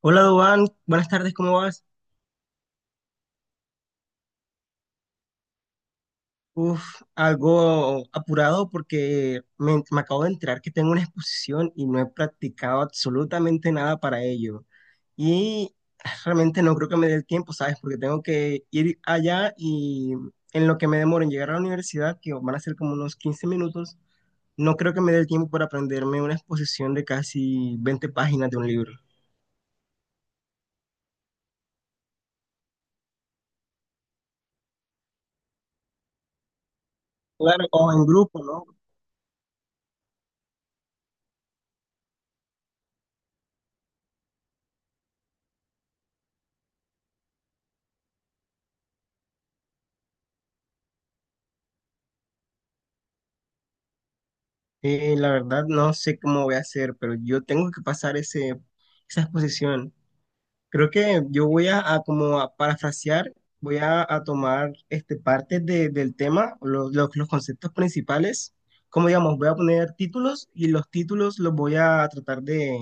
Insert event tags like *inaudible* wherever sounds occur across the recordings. Hola, Dubán. Buenas tardes, ¿cómo vas? Uf, algo apurado porque me acabo de enterar que tengo una exposición y no he practicado absolutamente nada para ello. Y realmente no creo que me dé el tiempo, ¿sabes? Porque tengo que ir allá y en lo que me demoro en llegar a la universidad, que van a ser como unos 15 minutos, no creo que me dé el tiempo para aprenderme una exposición de casi 20 páginas de un libro. Claro, o en grupo, ¿no? La verdad no sé cómo voy a hacer, pero yo tengo que pasar esa exposición. Creo que yo voy a como a parafrasear, voy a tomar partes del tema, los conceptos principales. Como digamos, voy a poner títulos y los títulos los voy a tratar de,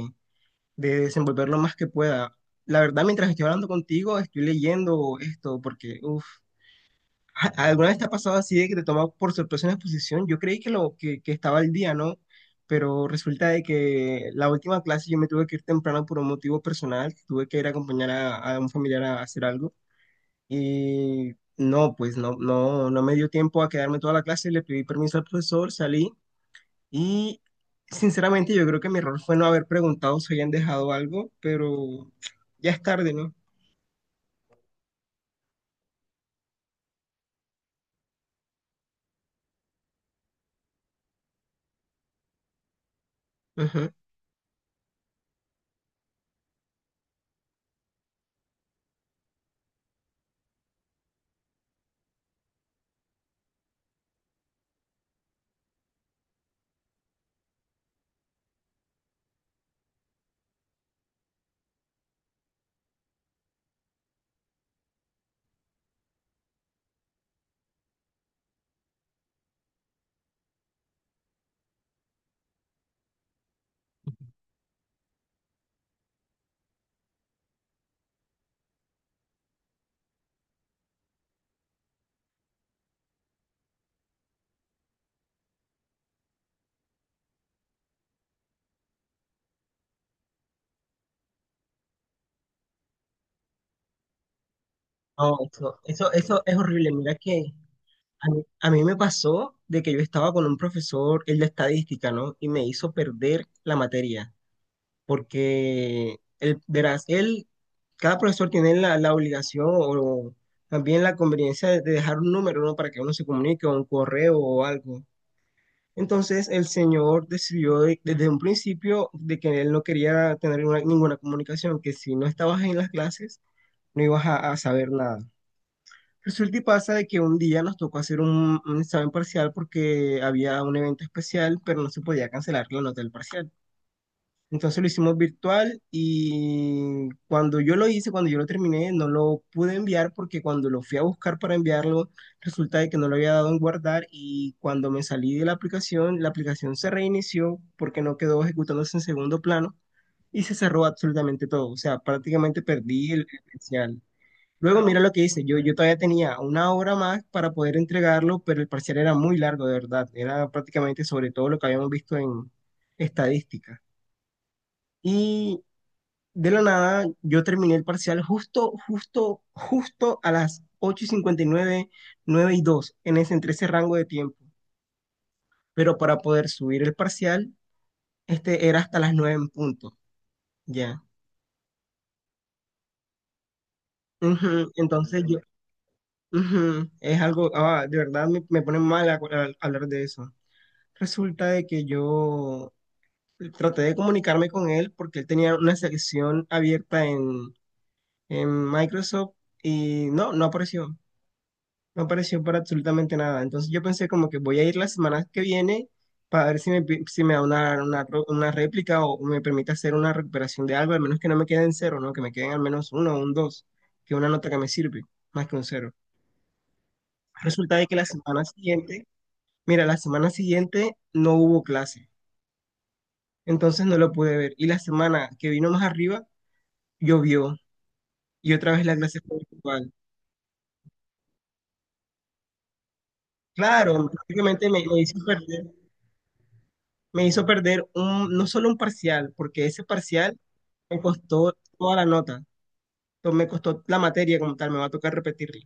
de desenvolver lo más que pueda. La verdad, mientras estoy hablando contigo, estoy leyendo esto porque, uff. *laughs* ¿Alguna vez te ha pasado así de que te tomó por sorpresa una exposición? Yo creí que estaba al día, ¿no? Pero resulta de que la última clase yo me tuve que ir temprano por un motivo personal, tuve que ir a acompañar a un familiar a hacer algo y no, pues no me dio tiempo a quedarme toda la clase, le pedí permiso al profesor, salí y sinceramente yo creo que mi error fue no haber preguntado si habían dejado algo, pero ya es tarde, ¿no? Ujú. No, eso es horrible, mira que... A mí me pasó de que yo estaba con un profesor, el de estadística, ¿no? Y me hizo perder la materia, porque, verás, cada profesor tiene la obligación o también la conveniencia de dejar un número, ¿no? Para que uno se comunique o un correo o algo. Entonces, el señor decidió desde un principio de que él no quería tener ninguna comunicación, que si no estabas en las clases, no ibas a saber nada. Resulta y pasa de que un día nos tocó hacer un examen parcial porque había un evento especial, pero no se podía cancelar la nota del parcial. Entonces lo hicimos virtual y cuando yo lo hice, cuando yo lo terminé, no lo pude enviar porque cuando lo fui a buscar para enviarlo, resulta de que no lo había dado en guardar y cuando me salí de la aplicación se reinició porque no quedó ejecutándose en segundo plano y se cerró absolutamente todo. O sea, prácticamente perdí el parcial. Luego mira lo que hice, yo todavía tenía una hora más para poder entregarlo, pero el parcial era muy largo, de verdad. Era prácticamente sobre todo lo que habíamos visto en estadística. Y de la nada, yo terminé el parcial justo, justo, justo a las 8:59, 9:02, entre ese rango de tiempo. Pero para poder subir el parcial, este era hasta las 9 en punto, ya. Ujú. Entonces yo, ujú, es algo, ah, de verdad me pone mal hablar de eso. Resulta de que yo traté de comunicarme con él porque él tenía una sección abierta en, Microsoft y no apareció. No apareció para absolutamente nada. Entonces yo pensé como que voy a ir la semana que viene para ver si me da una réplica o me permite hacer una recuperación de algo, al menos que no me queden cero, ¿no? Que me queden al menos uno o un dos, que una nota que me sirve, más que un cero. Resulta de que la semana siguiente, mira, la semana siguiente no hubo clase. Entonces no lo pude ver. Y la semana que vino más arriba, llovió y otra vez la clase fue virtual. Claro, prácticamente me, me hizo perder un, no solo un parcial, porque ese parcial me costó toda la nota, me costó la materia como tal, me va a tocar repetirla.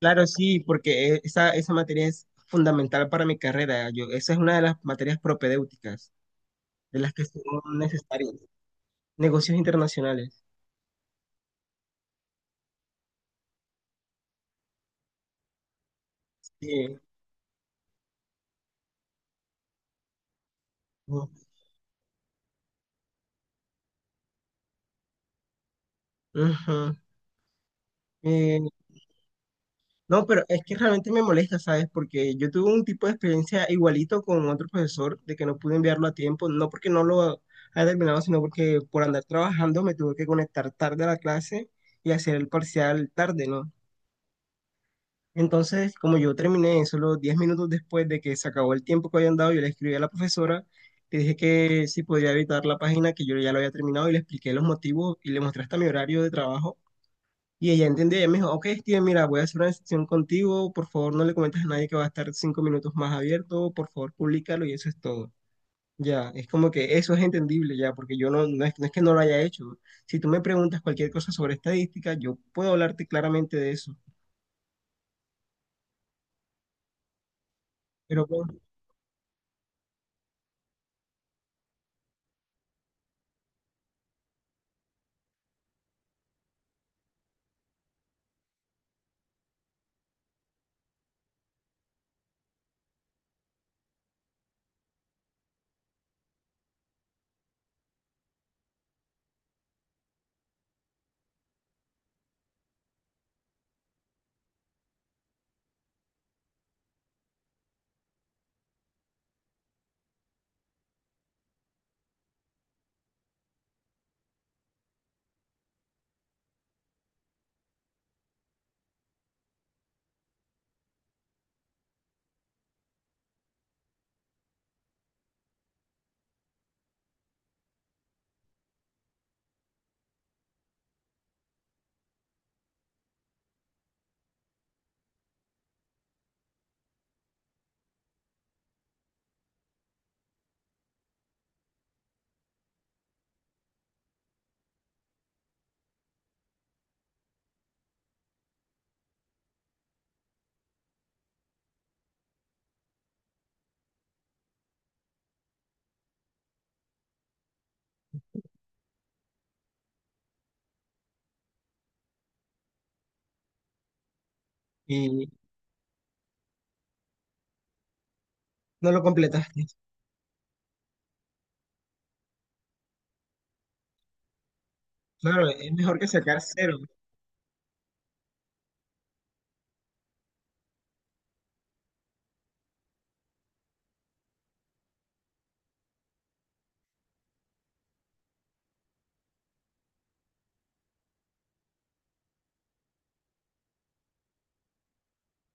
Claro, sí, porque esa materia es fundamental para mi carrera. Yo, esa es una de las materias propedéuticas, de las que son necesarias. Negocios internacionales. Sí. Ujú. Eh, No, pero es que realmente me molesta, ¿sabes? Porque yo tuve un tipo de experiencia igualito con otro profesor de que no pude enviarlo a tiempo, no porque no lo haya terminado, sino porque por andar trabajando me tuve que conectar tarde a la clase y hacer el parcial tarde, ¿no? Entonces, como yo terminé solo 10 minutos después de que se acabó el tiempo que habían dado, yo le escribí a la profesora, le dije que si podía evitar la página, que yo ya lo había terminado y le expliqué los motivos y le mostré hasta mi horario de trabajo. Y ella entendió, ella me dijo: ok, Steven, mira, voy a hacer una sesión contigo, por favor no le comentes a nadie que va a estar 5 minutos más abierto, por favor públicalo y eso es todo. Ya, es como que eso es entendible ya, porque yo no es que no lo haya hecho. Si tú me preguntas cualquier cosa sobre estadística, yo puedo hablarte claramente de eso, pero bueno, y no lo completaste. Claro, es mejor que sacar cero.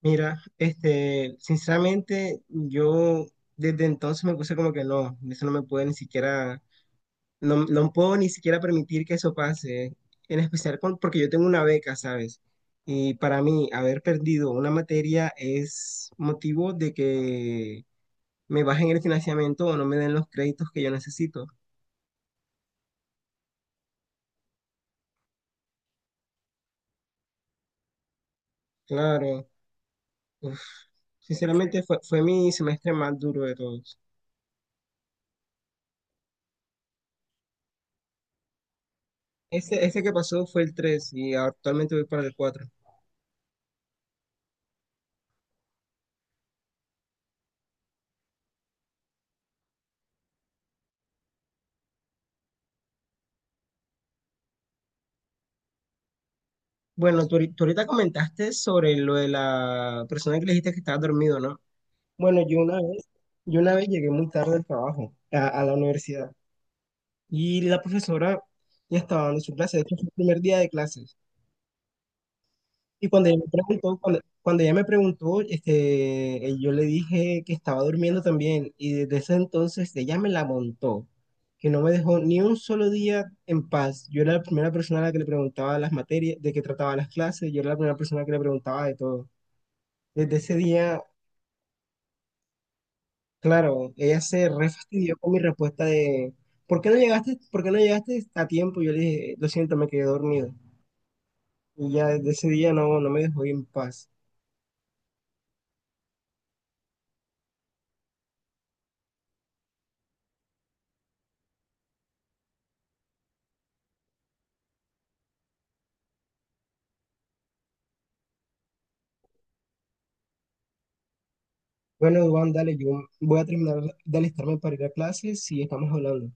Mira, sinceramente, yo desde entonces me puse como que no, eso no me puede ni siquiera. No, no puedo ni siquiera permitir que eso pase, en especial porque yo tengo una beca, ¿sabes? Y para mí, haber perdido una materia es motivo de que me bajen el financiamiento o no me den los créditos que yo necesito. Claro, uf, sinceramente fue mi semestre más duro de todos. Este que pasó fue el 3 y actualmente voy para el cuatro. Bueno, tú ahorita comentaste sobre lo de la persona que le dijiste que estaba dormido, ¿no? Bueno, yo una vez llegué muy tarde al trabajo, a la universidad, y la profesora ya estaba dando su clase, de hecho fue el primer día de clases. Y cuando ella me preguntó, yo le dije que estaba durmiendo también, y desde ese entonces ella me la montó, que no me dejó ni un solo día en paz. Yo era la primera persona a la que le preguntaba las materias, de qué trataba las clases, yo era la primera persona que le preguntaba de todo. Desde ese día. Claro, ella se refastidió con mi respuesta de ¿por qué no llegaste a tiempo? Yo le dije, lo siento, me quedé dormido. Y ya desde ese día no me dejó en paz. Bueno, Juan, dale, yo voy a terminar de alistarme para ir a clases y estamos hablando.